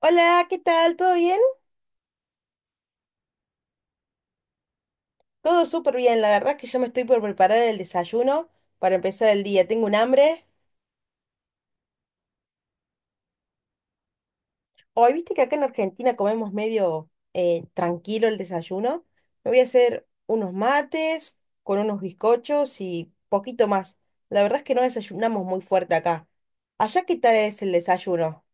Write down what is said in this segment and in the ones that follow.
Hola, ¿qué tal? ¿Todo bien? Todo súper bien. La verdad es que yo me estoy por preparar el desayuno para empezar el día. Tengo un hambre. Hoy, viste que acá en Argentina comemos medio tranquilo el desayuno. Me voy a hacer unos mates con unos bizcochos y poquito más. La verdad es que no desayunamos muy fuerte acá. ¿Allá qué tal es el desayuno?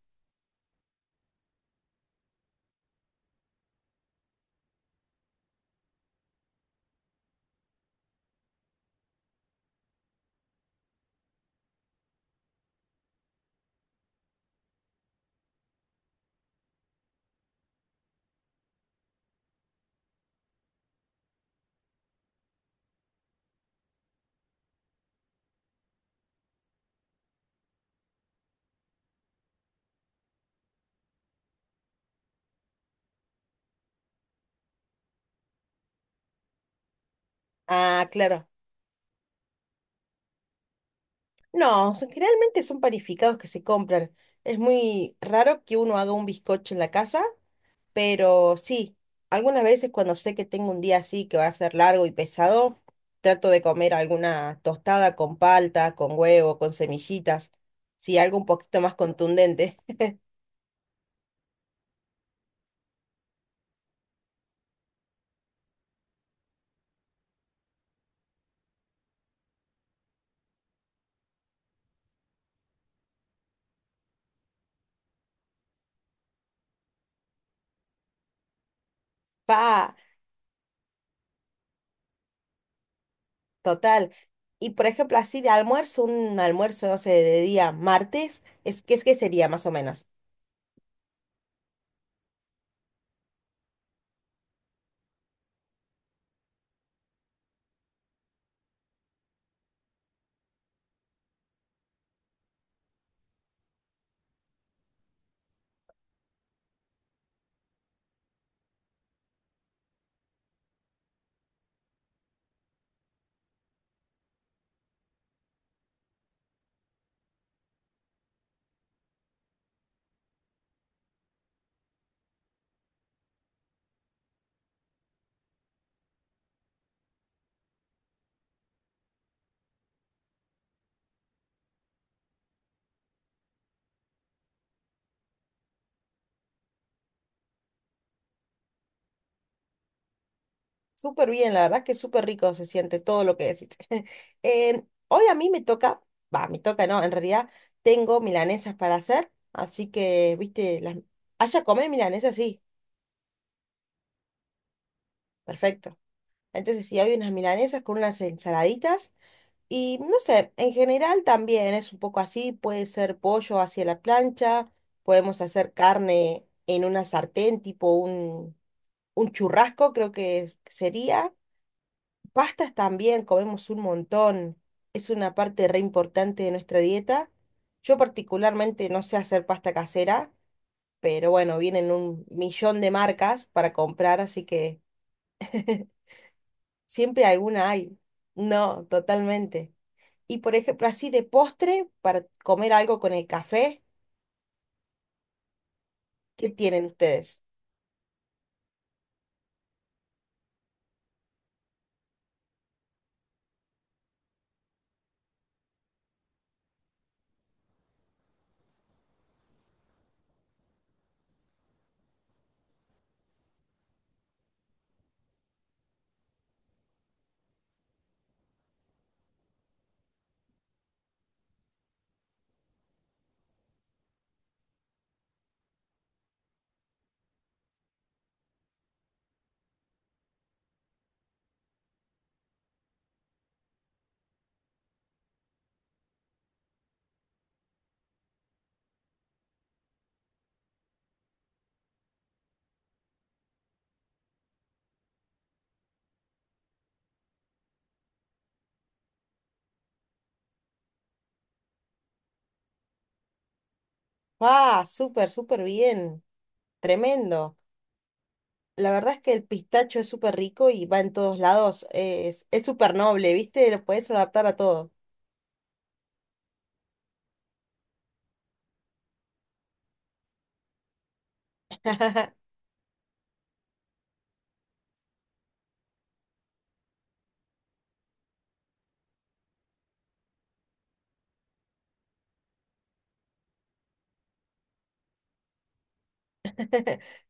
Ah, claro. No, generalmente son panificados que se compran. Es muy raro que uno haga un bizcocho en la casa. Pero sí, algunas veces cuando sé que tengo un día así que va a ser largo y pesado, trato de comer alguna tostada con palta, con huevo, con semillitas, sí, algo un poquito más contundente. Pa, total. Y por ejemplo, así de almuerzo, un almuerzo, no sé, de día martes, es, ¿qué es que sería más o menos? Súper bien, la verdad que súper rico se siente todo lo que decís. Hoy a mí me toca, va, me toca, no, en realidad tengo milanesas para hacer, así que, viste, las... allá comer milanesas, sí, perfecto. Entonces, sí, hay unas milanesas con unas ensaladitas y no sé, en general también es un poco así, puede ser pollo hacia la plancha, podemos hacer carne en una sartén, tipo un churrasco, creo que sería. Pastas también, comemos un montón. Es una parte re importante de nuestra dieta. Yo particularmente no sé hacer pasta casera, pero bueno, vienen un millón de marcas para comprar, así que siempre alguna hay. No, totalmente. Y por ejemplo, así de postre, para comer algo con el café, ¿qué tienen ustedes? ¡Ah! Súper, súper bien. Tremendo. La verdad es que el pistacho es súper rico y va en todos lados. Es súper noble, ¿viste? Lo puedes adaptar a todo.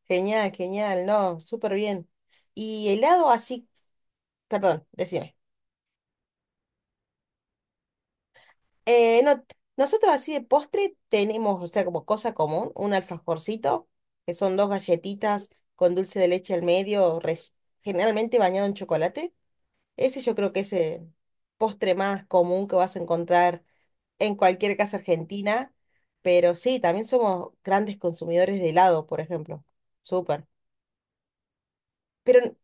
Genial, genial, no, súper bien. Y helado así, perdón, decime. No, nosotros así de postre tenemos, o sea, como cosa común, un alfajorcito, que son dos galletitas con dulce de leche al medio, generalmente bañado en chocolate. Ese yo creo que es el postre más común que vas a encontrar en cualquier casa argentina. Pero sí, también somos grandes consumidores de helado, por ejemplo. Súper. Pero n-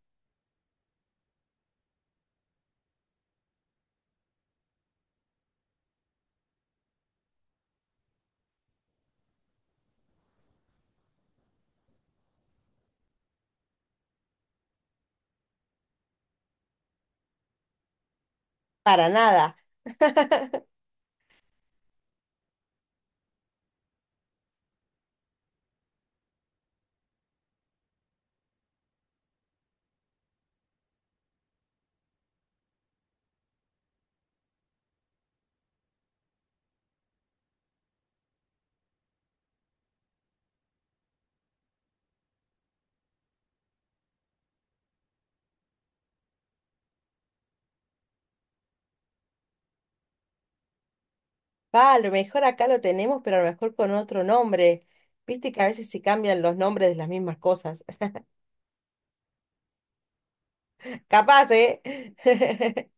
para nada. Va, a lo mejor acá lo tenemos, pero a lo mejor con otro nombre. Viste que a veces se cambian los nombres de las mismas cosas. Capaz, ¿eh?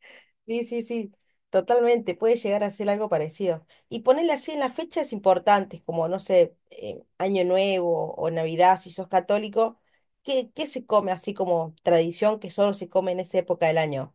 Sí, sí, sí, totalmente. Puede llegar a ser algo parecido. Y ponerle así en las fechas importantes, como, no sé, Año Nuevo o Navidad, si sos católico. ¿Qué, qué se come así como tradición que solo se come en esa época del año?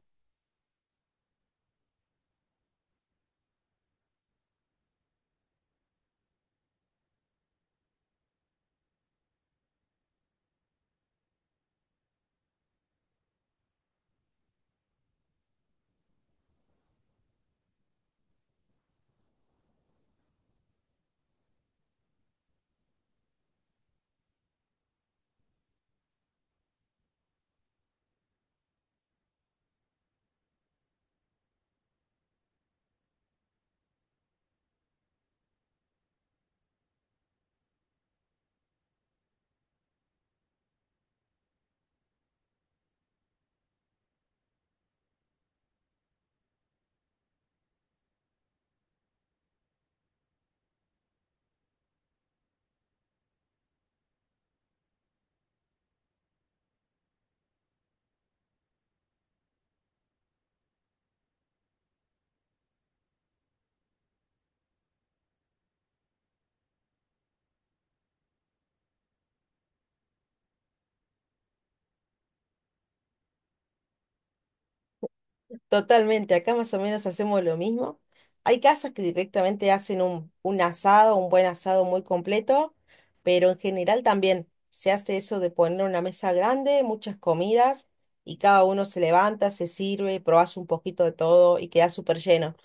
Totalmente, acá más o menos hacemos lo mismo. Hay casas que directamente hacen un asado, un buen asado muy completo, pero en general también se hace eso de poner una mesa grande, muchas comidas, y cada uno se levanta, se sirve, probás un poquito de todo y queda súper lleno.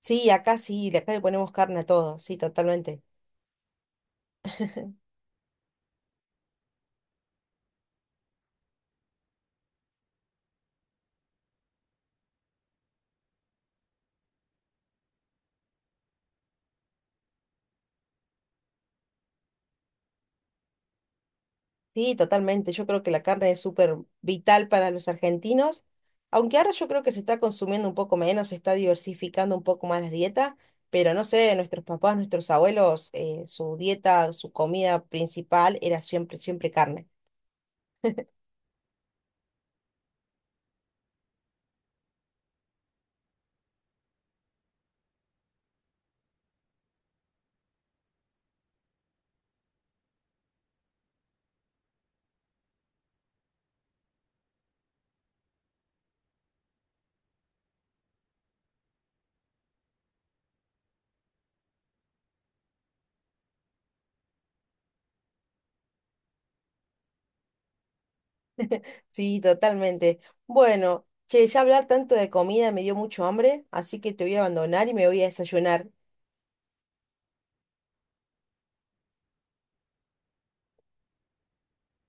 Sí, acá le ponemos carne a todo, sí, totalmente. Sí, totalmente. Yo creo que la carne es súper vital para los argentinos, aunque ahora yo creo que se está consumiendo un poco menos, se está diversificando un poco más la dieta, pero no sé, nuestros papás, nuestros abuelos, su dieta, su comida principal era siempre, siempre carne. Sí, totalmente. Bueno, che, ya hablar tanto de comida me dio mucho hambre, así que te voy a abandonar y me voy a desayunar.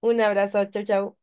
Un abrazo, chau, chau.